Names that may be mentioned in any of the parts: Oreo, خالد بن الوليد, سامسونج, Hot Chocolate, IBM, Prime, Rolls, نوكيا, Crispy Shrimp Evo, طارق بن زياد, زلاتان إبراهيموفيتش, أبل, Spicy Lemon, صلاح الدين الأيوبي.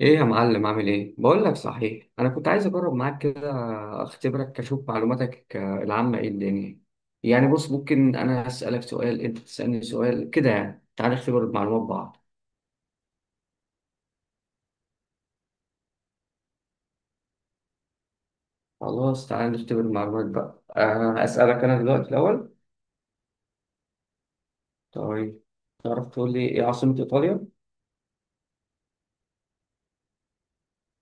ايه يا معلم عامل ايه؟ بقول لك صحيح انا كنت عايز اجرب معاك كده، اختبرك اشوف معلوماتك العامه ايه الدنيا. يعني بص، ممكن انا اسالك سؤال انت تسالني سؤال كده، يعني تعال نختبر المعلومات بعض. خلاص تعال نختبر المعلومات بقى، اسالك انا دلوقتي الاول. طيب، تعرف تقول لي ايه عاصمه ايطاليا؟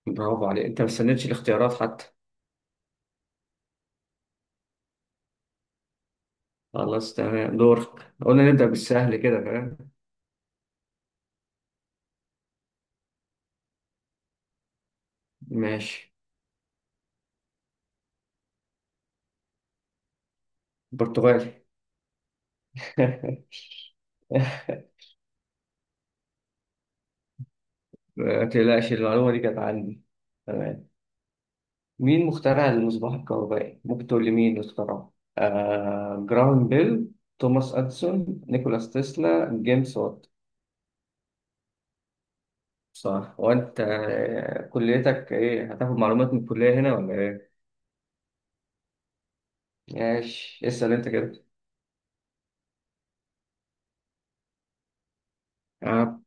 برافو عليك، انت ما استنيتش الاختيارات حتى. خلاص تمام، دورك، قلنا نبدا بالسهل كده، فاهم؟ ماشي. برتغالي. ما تقلقش المعلومة دي كانت عندي. تمام. مين مخترع المصباح الكهربائي؟ ممكن تقول لي مين اللي اخترعه؟ آه، جراهام بيل، توماس أديسون، نيكولاس تسلا، جيمس وات. صح. وأنت كليتك إيه؟ هتاخد معلومات من الكلية هنا ولا إيه؟ ماشي، اسأل أنت كده. آه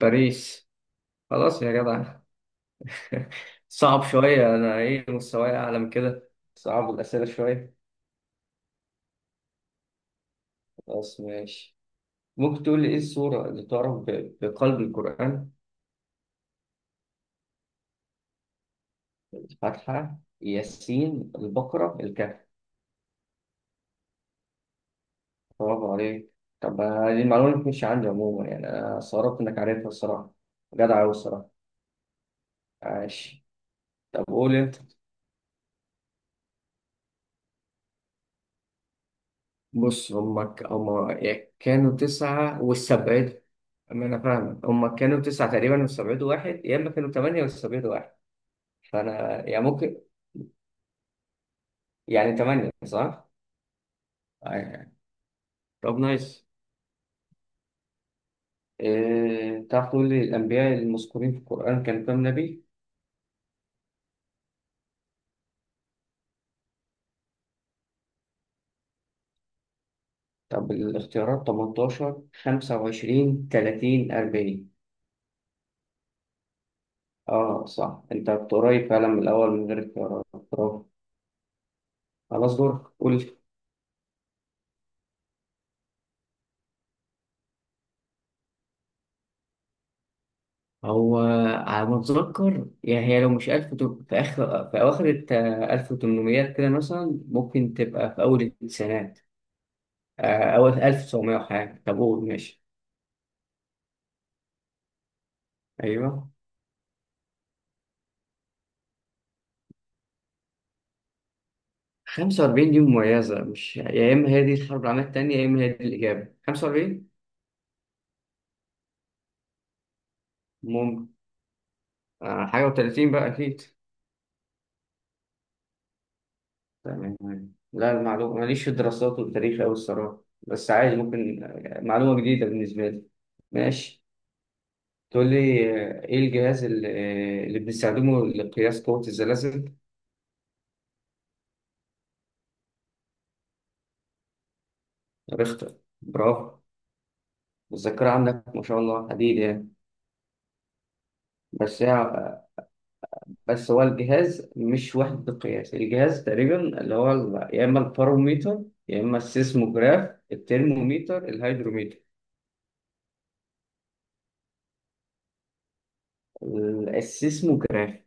باريس. خلاص يا جدع. صعب شوية، أنا إيه مستواي أعلى من كده، صعب الأسئلة شوية. خلاص ماشي. ممكن تقول لي إيه السورة اللي تعرف بقلب القرآن؟ فتحة، ياسين، البقرة، الكهف. برافو عليك. طب دي المعلومة اللي مش عندي عموما، يعني أنا استغربت إنك عارفها الصراحة، جدع أوي الصراحة. عاش. طب قول أنت. بص هما هما يا كانوا تسعة واستبعدوا. أما أنا فاهمك، هما كانوا تسعة تقريبا واستبعدوا واحد، يا إما كانوا تمانية واستبعدوا واحد، فأنا يعني ممكن. يعني تمانية صح؟ أيوة. طب نايس. إيه... تعرف تقول لي الأنبياء المذكورين في القرآن كانوا كام نبي؟ طب الاختيارات 18 25 30 40. اه صح، انت كنت قريب فعلا من الاول من غير اختيارات. برافو. خلاص دورك، قول. هو على ما اتذكر، يعني هي لو مش 1000 تبقى في اخر، في اواخر ال 1800 كده مثلا، ممكن تبقى في اول التسعينات، اول 1900 وحاجه. طب قول ماشي. ايوه. 45 دي مميزه، مش يا اما هي دي الحرب العالميه الثانيه، يا اما هي دي الاجابه 45. ممكن. حاجه و30 بقى اكيد. تمام. لا المعلومة ماليش في الدراسات والتاريخ أوي الصراحة، بس عادي ممكن. معلومة جديدة بالنسبة لي. ماشي. تقول لي إيه الجهاز اللي, اللي بنستخدمه لقياس قوة الزلازل؟ ريختر. برافو. الذاكرة عندك ما شاء الله حديد يعني. بس هي، بس هو الجهاز مش وحدة قياس، الجهاز تقريبا اللي هو يا إما الباروميتر، يا إما السيسموجراف، الترموميتر، الهيدروميتر. السيسموجراف.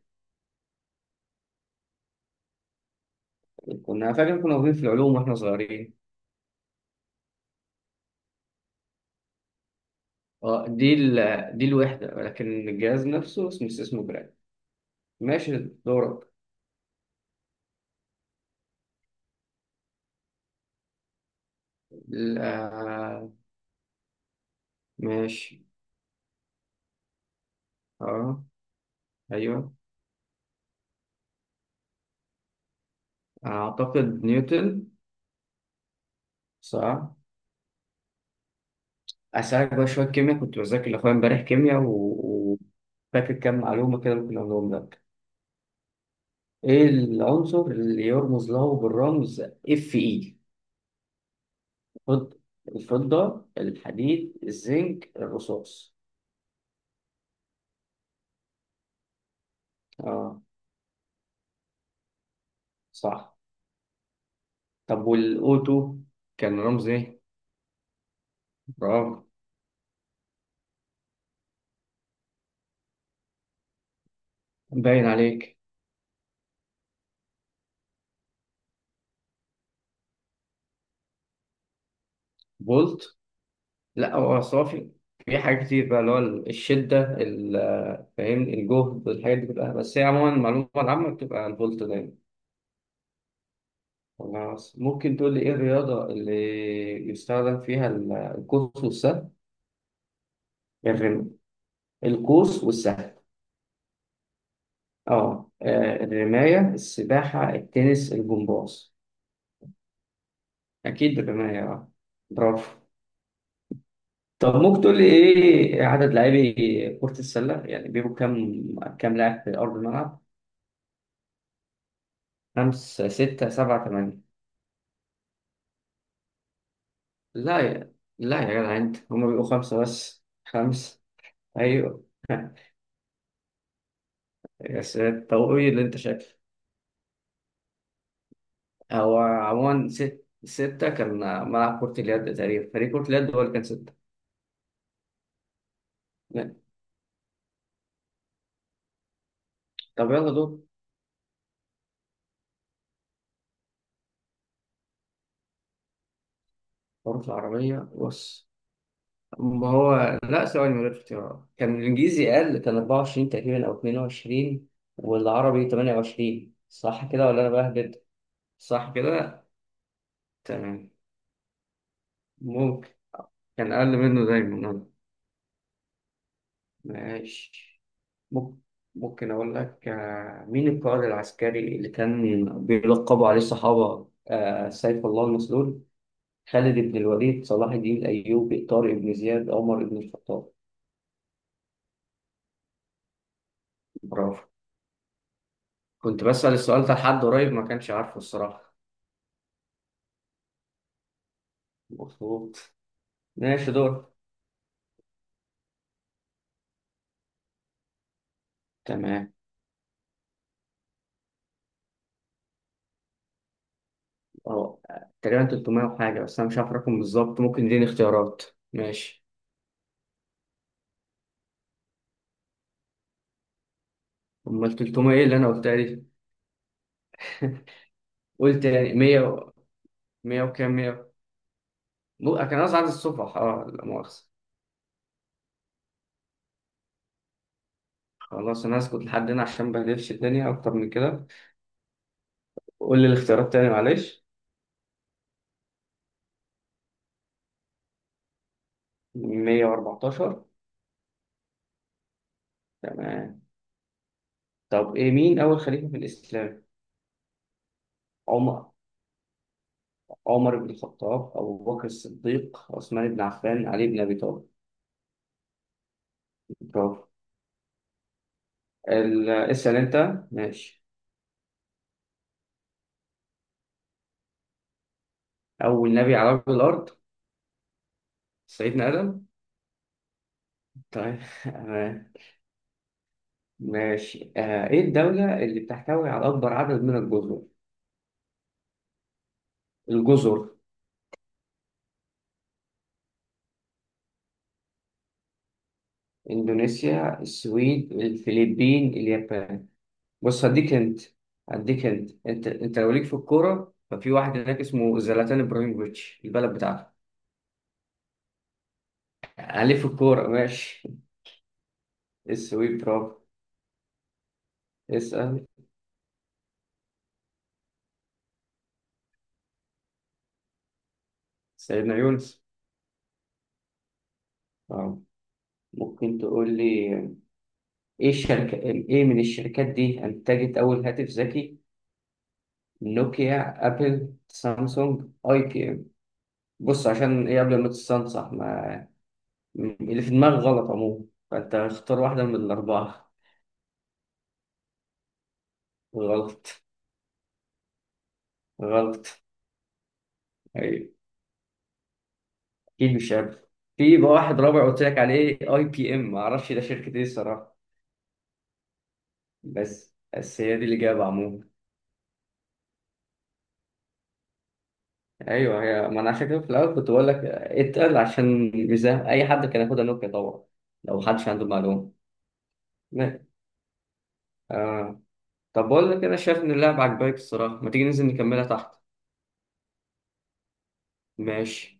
كنا فاكر، كنا واخدين في العلوم واحنا صغيرين. اه دي ال... دي الوحدة، ولكن الجهاز نفسه اسمه جرام. ماشي دورك. ال- آه، ماشي. اه ايوه. اعتقد نيوتن. صح. اسالك بقى شوية كيمياء، كنت بذاكر لاخويا امبارح كيمياء وفاكر كام معلومة كده ممكن اقولهم لك. ايه العنصر اللي يرمز له بالرمز اف اي؟ الفض- الفضة، الحديد، الزنك، الرصاص. اه صح. طب والاوتو كان رمز ايه؟ برافو. باين عليك. بولت. لا هو أصل هو في، في حاجات كتير بقى اللي هو الشدة، فاهم، الجهد، الحاجات دي كلها، بس هي عموما المعلومة العامة بتبقى الفولت دايما. خلاص ممكن تقول لي ايه الرياضة اللي يستخدم فيها القوس والسهم؟ الرم القوس والسهم. اه الرماية، السباحة، التنس، الجمباز. أكيد الرماية اه. برافو. طب ممكن تقول لي ايه عدد لاعبي كرة السلة؟ يعني بيبقوا كام، كام لاعب في أرض الملعب؟ خمسة، ستة، سبعة، تمانية. لا يا لا يا جدع أنت، هما بيبقوا خمسة بس، خمسة. أيوة. يا ساتر، طويل اللي أنت شايف. هو عموما ستة كان ملعب كرة اليد تقريبا، فريق كرة اليد هو اللي كان ستة. لا. طب يلا دول. حروف العربية، بص ما هو لا ثواني، من غير اختيارات كان الإنجليزي أقل، كان 24 تقريبا أو 22، والعربي 28 صح كده ولا أنا بهبد؟ صح كده؟ تمام. ممكن. كان أقل منه دايما. ماشي. ممكن، ممكن أقول لك مين القائد العسكري اللي كان بيلقبوا عليه الصحابة سيف الله المسلول؟ خالد بن الوليد، صلاح الدين الأيوبي، طارق بن زياد، عمر بن الخطاب. برافو. كنت بسأل السؤال ده لحد قريب ما كانش عارفه الصراحة. مظبوط. ماشي دور. تمام. أه، تقريبا 300 وحاجة، بس أنا مش عارف الرقم بالظبط، ممكن اديني اختيارات. ماشي. أمال 300 إيه اللي أنا قلتها دي؟ قلت يعني 100، 100 وكام. كان قصدي عدد الصفح، اه لا مؤاخذة. خلاص انا اسكت لحد هنا عشان ما بهدلش الدنيا اكتر من كده. قول لي الاختيارات تاني معلش. 114. تمام. طب ايه، مين اول خليفة في الاسلام؟ عمر، عمر بن الخطاب، ابو بكر الصديق، عثمان بن عفان، علي بن ابي طالب. برافو. اسال انت. ماشي. اول نبي على وجه الارض. سيدنا ادم. طيب. تمام. ماشي. آه، ايه الدولة اللي بتحتوي على اكبر عدد من الجزر؟ الجزر. إندونيسيا، السويد، الفلبين، اليابان. بص هديك أنت، هديك أنت، أنت لو ليك في الكورة، ففي واحد هناك اسمه زلاتان إبراهيموفيتش، البلد بتاعته. عليه في الكورة، ماشي. السويد. برافو. اسأل. سيدنا يونس. اه. ممكن تقول لي إيه الشركة، إيه من الشركات دي أنتجت أول هاتف ذكي؟ نوكيا، أبل، سامسونج، أي بي إم. بص عشان إيه، قبل ما تستنصح، ما اللي في دماغك غلط عموما، فأنت اختار واحدة من الأربعة. غلط. غلط. أيوة. أكيد مش عارف. في بقى واحد رابع قلت لك عليه، أي بي إم، معرفش ده شركة إيه الصراحة، بس بس هي دي الإجابة عموما. أيوه هي، ما أنا عشان كده في الأول كنت بقول لك اتقل، عشان ميزة أي حد كان ياخدها نوكيا طبعا لو محدش عنده معلومة. ما- آه. طب بقول لك، أنا شايف إن اللعبة عجباك الصراحة، ما تيجي ننزل نكملها تحت؟ ماشي.